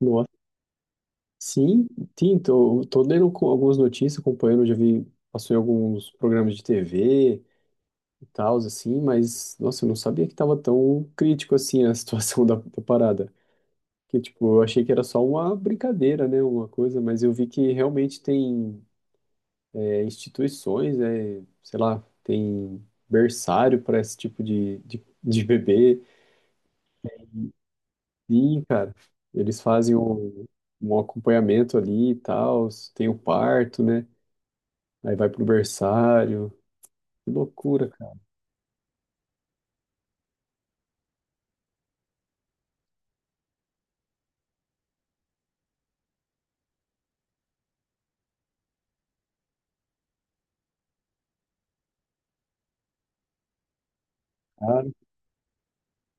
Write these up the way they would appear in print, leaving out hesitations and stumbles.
Nossa, sim, sim, tô lendo algumas notícias, acompanhando, já vi, passou em alguns programas de TV e tal, assim, mas, nossa, eu não sabia que tava tão crítico assim a situação da parada. Que, tipo, eu achei que era só uma brincadeira, né, uma coisa, mas eu vi que realmente tem instituições, sei lá, tem berçário para esse tipo de bebê. Sim, cara, eles fazem um, um acompanhamento ali e tal, tem o parto, né? Aí vai pro berçário. Que loucura, cara.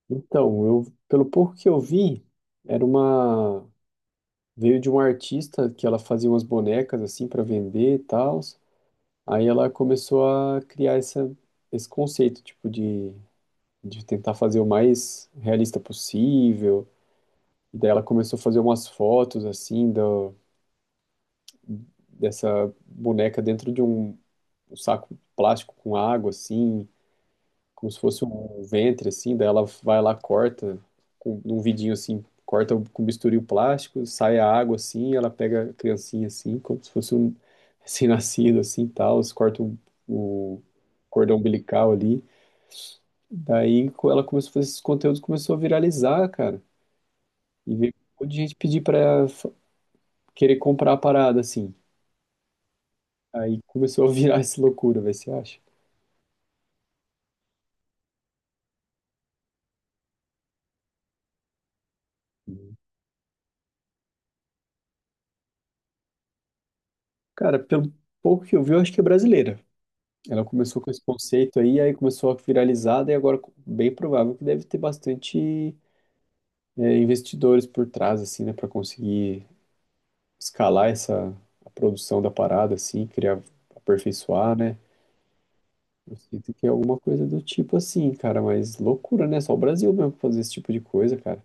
Então, eu, pelo pouco que eu vi, era uma. Veio de uma artista que ela fazia umas bonecas assim para vender e tal. Aí ela começou a criar essa, esse conceito, tipo, de tentar fazer o mais realista possível. E daí ela começou a fazer umas fotos assim dessa boneca dentro de um saco plástico com água, assim. Como se fosse um ventre, assim, daí ela vai lá, corta, com num vidinho assim, corta com bisturi o plástico, sai a água assim, ela pega a criancinha assim, como se fosse um recém-nascido, assim, tal, corta o cordão umbilical ali. Daí ela começou a fazer esses conteúdos, começou a viralizar, cara, e veio um monte de gente pedir querer comprar a parada, assim. Aí começou a virar essa loucura, vai, você acha? Cara, pelo pouco que eu vi, eu acho que é brasileira. Ela começou com esse conceito aí, aí começou a viralizar, e agora bem provável que deve ter bastante investidores por trás, assim, né, para conseguir escalar essa a produção da parada, assim, criar, aperfeiçoar, né? Eu sinto que é alguma coisa do tipo assim, cara, mas loucura, né? Só o Brasil mesmo pra fazer esse tipo de coisa, cara.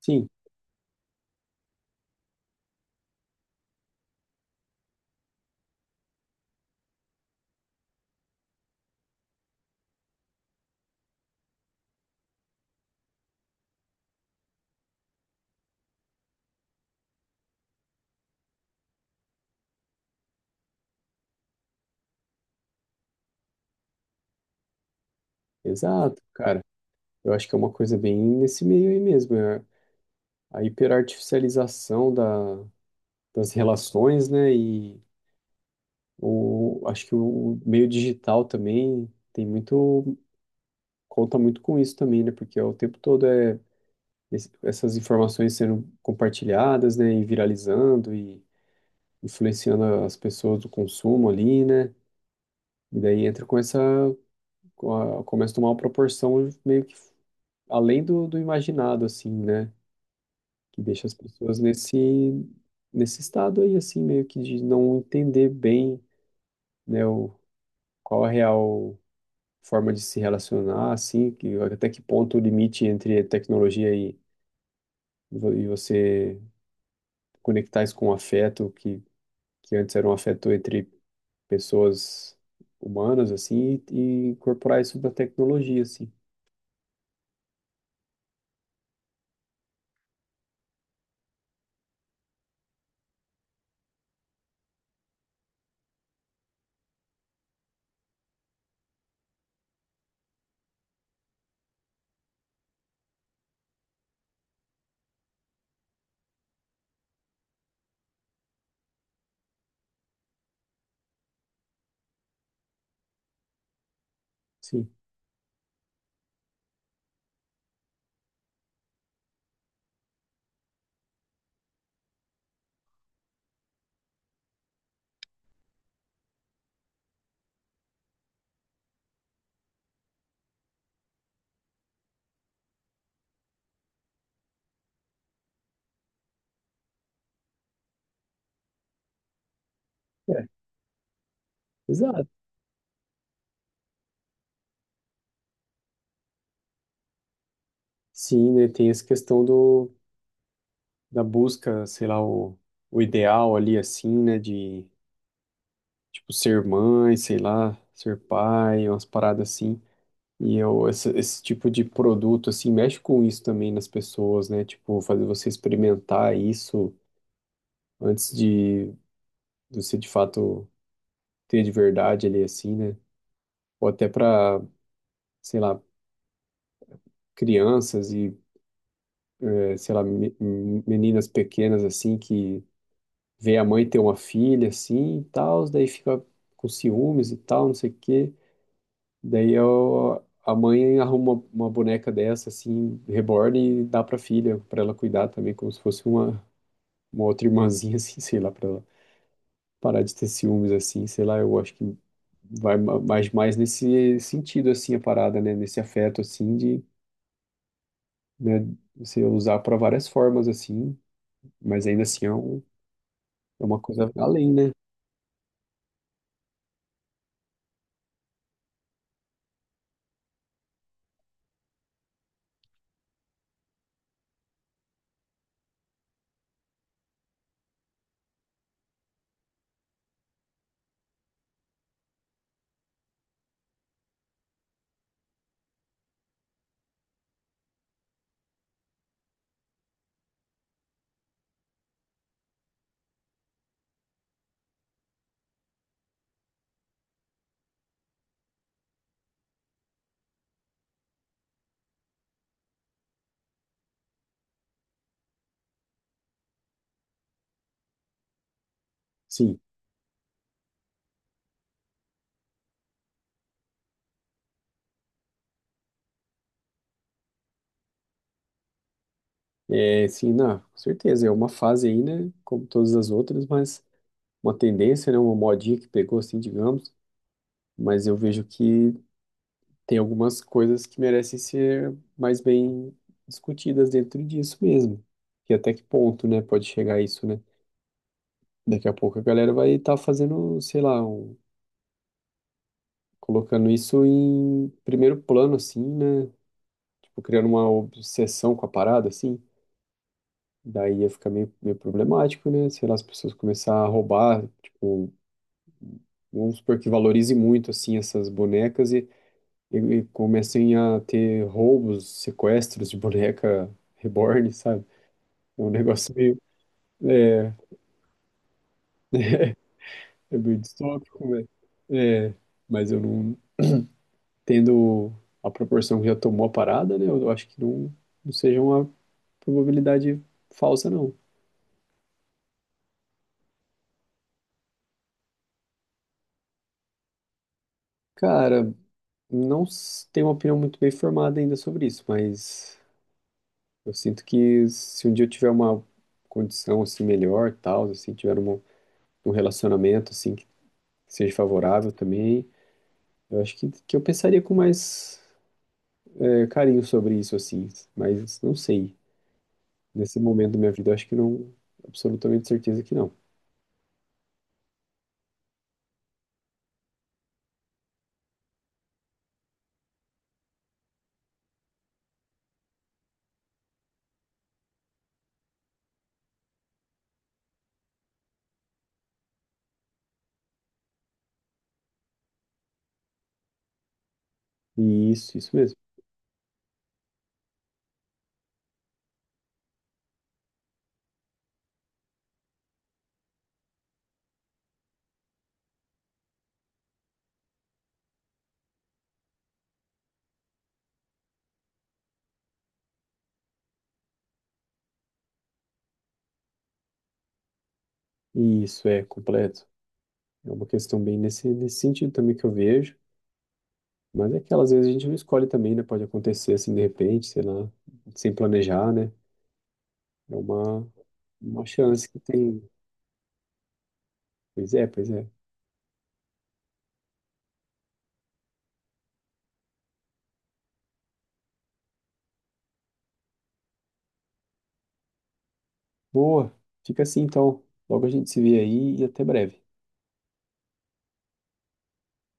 Sim, exato, cara. Eu acho que é uma coisa bem nesse meio aí mesmo, é a hiperartificialização das relações, né? E o, acho que o meio digital também tem muito, conta muito com isso também, né? Porque o tempo todo é essas informações sendo compartilhadas, né? E viralizando e influenciando as pessoas do consumo ali, né? E daí entra com essa, começa a tomar uma proporção meio que além do imaginado, assim, né? Que deixa as pessoas nesse, nesse estado aí, assim, meio que de não entender bem, né? O, qual é a real forma de se relacionar, assim, que até que ponto o limite entre tecnologia e, e você conectar isso com afeto, que antes era um afeto entre pessoas humanas, assim, e incorporar isso da tecnologia, assim. Sim. É, exato. Sim, né, tem essa questão do, da busca, sei lá, o ideal ali, assim, né, de, tipo, ser mãe, sei lá, ser pai, umas paradas assim, e eu, esse tipo de produto, assim, mexe com isso também nas pessoas, né? Tipo, fazer você experimentar isso antes de você, de fato, ter de verdade ali, assim, né? Ou até para, sei lá, crianças e, eh, sei lá, meninas pequenas, assim, que vê a mãe ter uma filha, assim, e tal, daí fica com ciúmes e tal, não sei o quê. Daí eu, a mãe arruma uma boneca dessa, assim, reborn e dá pra filha, pra ela cuidar também, como se fosse uma outra irmãzinha, assim, sei lá, pra ela parar de ter ciúmes, assim, sei lá, eu acho que vai mais nesse sentido, assim, a parada, né? Nesse afeto, assim, de, né, você usar para várias formas, assim, mas ainda assim é, um, é uma coisa além, né? Sim, é, sim, não, com certeza, é uma fase aí, né? Como todas as outras, mas uma tendência, né? Uma modinha que pegou, assim, digamos, mas eu vejo que tem algumas coisas que merecem ser mais bem discutidas dentro disso mesmo. E até que ponto, né, pode chegar isso, né? Daqui a pouco a galera vai estar fazendo, sei lá, colocando isso em primeiro plano, assim, né? Tipo, criando uma obsessão com a parada, assim. Daí ia ficar meio, meio problemático, né? Sei lá, as pessoas começar a roubar, tipo, vamos supor que valorize muito, assim, essas bonecas e comecem a ter roubos, sequestros de boneca reborn, sabe? É um negócio meio, é, é meio distópico, né? É, mas eu não tendo a proporção que já tomou a parada, né? Eu acho que não, não seja uma probabilidade falsa, não. Cara, não s- tenho uma opinião muito bem formada ainda sobre isso, mas eu sinto que se um dia eu tiver uma condição assim melhor, tal, assim, tiver um, um relacionamento assim que seja favorável também, eu acho que eu pensaria com mais é, carinho sobre isso, assim, mas não sei. Nesse momento da minha vida, eu acho que não, absolutamente certeza que não. E isso mesmo. E isso é completo. É uma questão bem nesse, nesse sentido também que eu vejo. Mas é que às vezes a gente não escolhe também, né? Pode acontecer assim de repente, sei lá, sem planejar, né? É uma chance que tem. Pois é, pois é. Boa. Fica assim então. Logo a gente se vê aí e até breve.